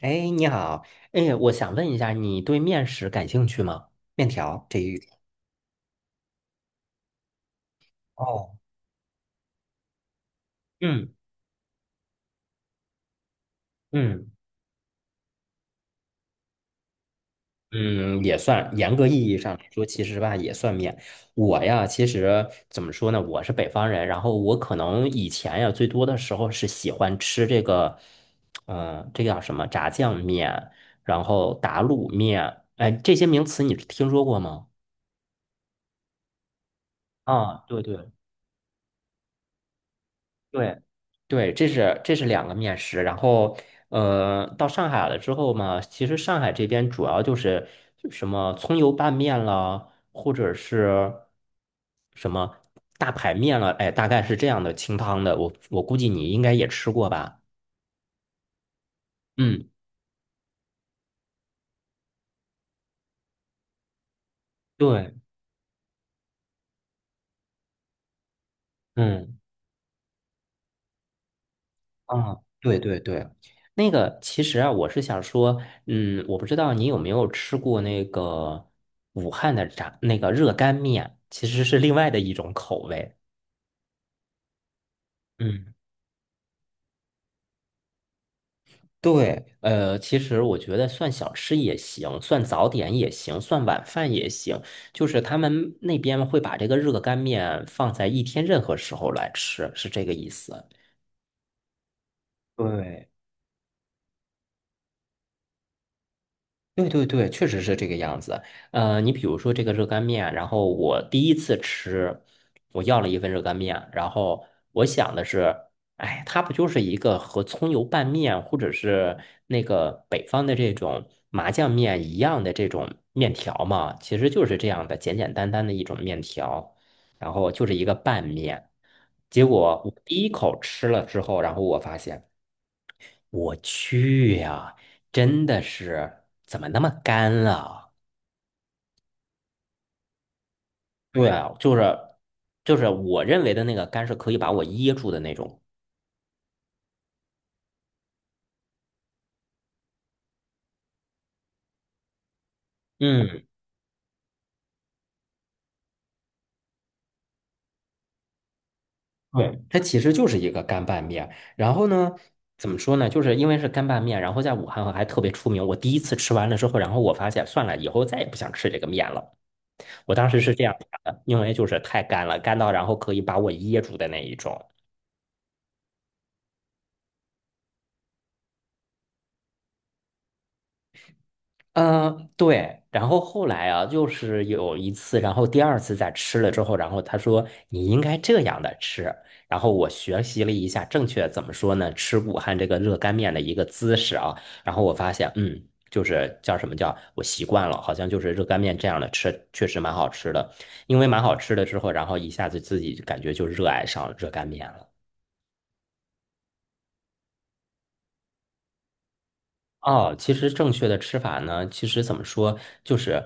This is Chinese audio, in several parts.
哎，你好，哎，我想问一下，你对面食感兴趣吗？面条这一类。哦，嗯嗯嗯，也算，严格意义上来说，其实吧也算面。我呀，其实怎么说呢，我是北方人，然后我可能以前呀，最多的时候是喜欢吃这个，这个叫什么炸酱面，然后打卤面，哎，这些名词你听说过吗？啊，对对，对，对，这是两个面食。然后，到上海了之后嘛，其实上海这边主要就是什么葱油拌面啦，或者是什么大排面了，哎，大概是这样的清汤的。我估计你应该也吃过吧？嗯，对，嗯啊，对对对。那个其实啊，我是想说，我不知道你有没有吃过那个武汉的那个热干面，其实是另外的一种口味。嗯，对，其实我觉得算小吃也行，算早点也行，算晚饭也行，就是他们那边会把这个热干面放在一天任何时候来吃，是这个意思。对，对对对，确实是这个样子。你比如说这个热干面，然后我第一次吃，我要了一份热干面，然后我想的是，哎，它不就是一个和葱油拌面或者是那个北方的这种麻酱面一样的这种面条嘛？其实就是这样的简简单单的一种面条，然后就是一个拌面。结果我第一口吃了之后，然后我发现，我去呀，真的是怎么那么干啊？对啊，就是我认为的那个干是可以把我噎住的那种。嗯对，它其实就是一个干拌面。然后呢，怎么说呢？就是因为是干拌面，然后在武汉还特别出名。我第一次吃完了之后，然后我发现算了，以后再也不想吃这个面了。我当时是这样想的，因为就是太干了，干到然后可以把我噎住的那一种。嗯，对。然后后来啊，就是有一次，然后第二次再吃了之后，然后他说你应该这样的吃。然后我学习了一下正确怎么说呢，吃武汉这个热干面的一个姿势啊。然后我发现，就是叫什么叫我习惯了，好像就是热干面这样的吃，确实蛮好吃的。因为蛮好吃的之后，然后一下子自己感觉就热爱上热干面了。哦，其实正确的吃法呢，其实怎么说，就是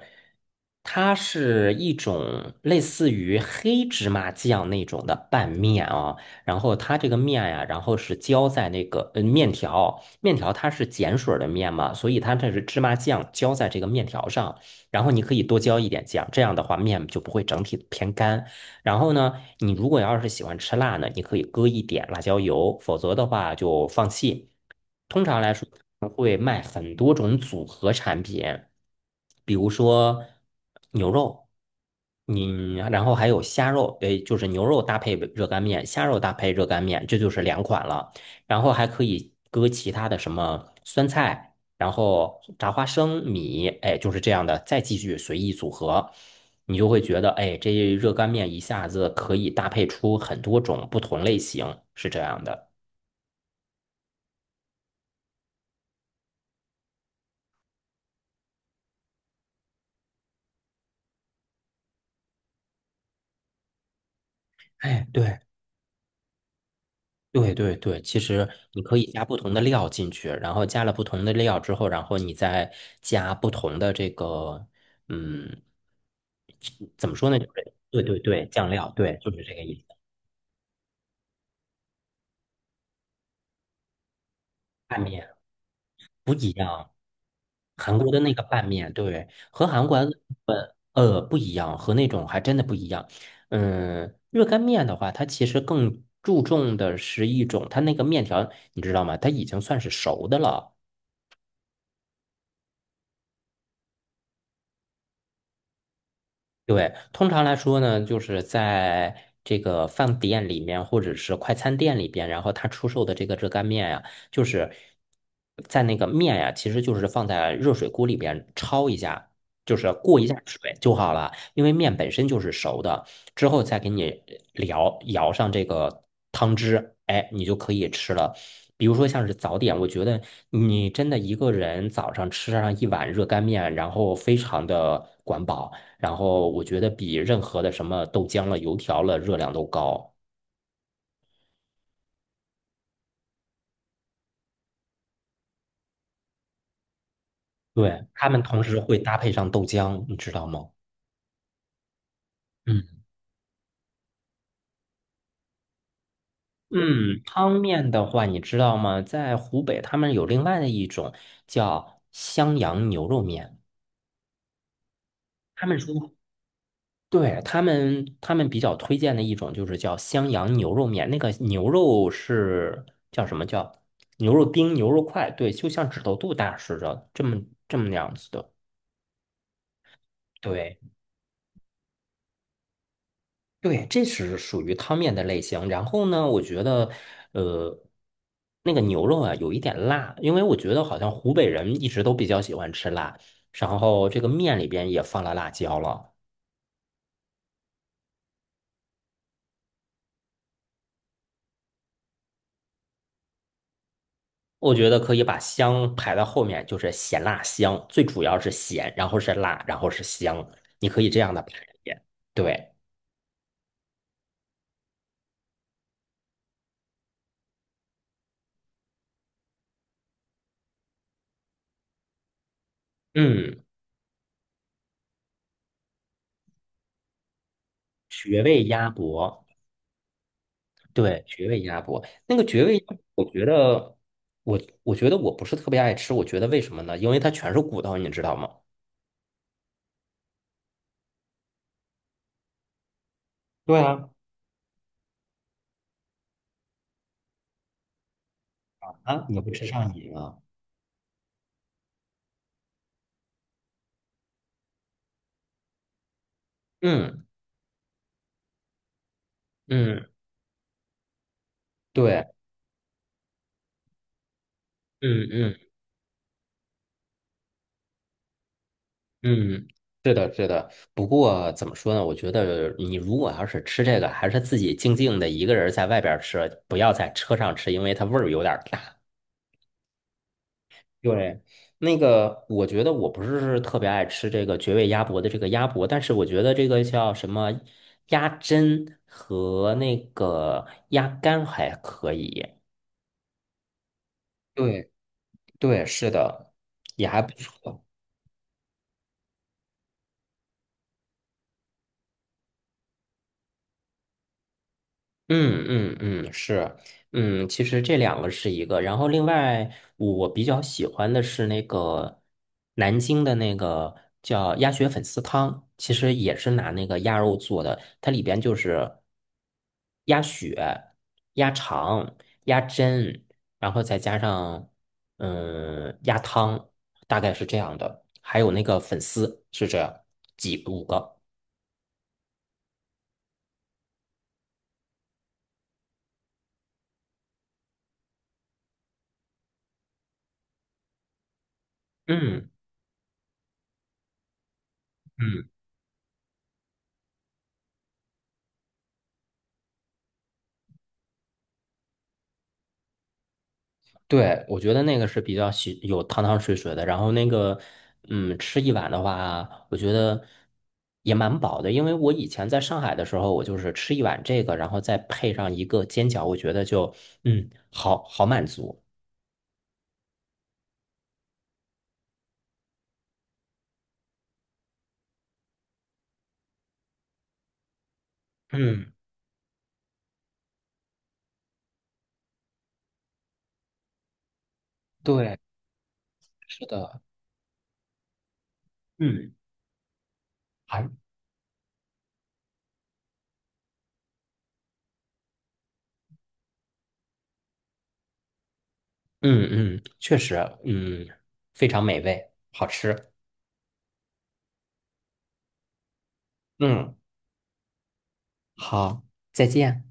它是一种类似于黑芝麻酱那种的拌面啊。然后它这个面呀、然后是浇在那个面条，面条它是碱水儿的面嘛，所以它这是芝麻酱浇在这个面条上，然后你可以多浇一点酱，这样的话面就不会整体偏干。然后呢，你如果要是喜欢吃辣呢，你可以搁一点辣椒油，否则的话就放弃。通常来说，会卖很多种组合产品，比如说牛肉，你然后还有虾肉，诶，就是牛肉搭配热干面，虾肉搭配热干面，这就是两款了。然后还可以搁其他的什么酸菜，然后炸花生米，哎，就是这样的，再继续随意组合。你就会觉得，哎，这热干面一下子可以搭配出很多种不同类型，是这样的。哎，对对对对，其实你可以加不同的料进去，然后加了不同的料之后，然后你再加不同的这个，嗯，怎么说呢？就是对对对，酱料，对，就是这个意思。拌面不一样。韩国的那个拌面，对，和韩国的呃不一样，和那种还真的不一样。嗯，热干面的话，它其实更注重的是一种，它那个面条，你知道吗？它已经算是熟的了。对，通常来说呢，就是在这个饭店里面或者是快餐店里边，然后他出售的这个热干面呀，就是在那个面呀，其实就是放在热水锅里边焯一下，就是过一下水就好了，因为面本身就是熟的，之后再给你舀上这个汤汁，哎，你就可以吃了。比如说像是早点，我觉得你真的一个人早上吃上一碗热干面，然后非常的管饱。然后我觉得比任何的什么豆浆了、油条了热量都高。对，他们同时会搭配上豆浆，你知道吗？嗯嗯，汤面的话，你知道吗？在湖北，他们有另外的一种叫襄阳牛肉面，他们说。对，他们比较推荐的一种就是叫襄阳牛肉面，那个牛肉是叫什么叫牛肉丁、牛肉块，对，就像指头肚大似的，这么样子的。对。对，这是属于汤面的类型。然后呢，我觉得，呃，那个牛肉啊，有一点辣，因为我觉得好像湖北人一直都比较喜欢吃辣。然后这个面里边也放了辣椒了，我觉得可以把香排到后面，就是咸辣香，最主要是咸，然后是辣，然后是香，你可以这样的排列。对，嗯，绝味鸭脖。对，绝味鸭脖，那个绝味鸭脖，我觉得我不是特别爱吃，我觉得为什么呢？因为它全是骨头，你知道吗？对啊，啊，你不吃上瘾啊？嗯嗯，对，嗯嗯嗯，是的，是的。不过怎么说呢？我觉得你如果要是吃这个，还是自己静静的一个人在外边儿吃，不要在车上吃，因为它味儿有点儿大。对，那个我觉得我不是特别爱吃这个绝味鸭脖的这个鸭脖，但是我觉得这个叫什么鸭胗和那个鸭肝还可以。对对，是的，也还不错。嗯嗯嗯，是，嗯，其实这两个是一个，然后另外我比较喜欢的是那个南京的那个叫鸭血粉丝汤，其实也是拿那个鸭肉做的，它里边就是鸭血、鸭肠、鸭胗，然后再加上鸭汤，大概是这样的，还有那个粉丝是这样，几五个，嗯嗯对，我觉得那个是比较喜有汤汤水水的，然后那个，吃一碗的话，我觉得也蛮饱的，因为我以前在上海的时候，我就是吃一碗这个，然后再配上一个煎饺，我觉得就，好好满足。嗯，对，是的，嗯，还，嗯嗯，确实，嗯，非常美味，好吃。嗯，好，再见。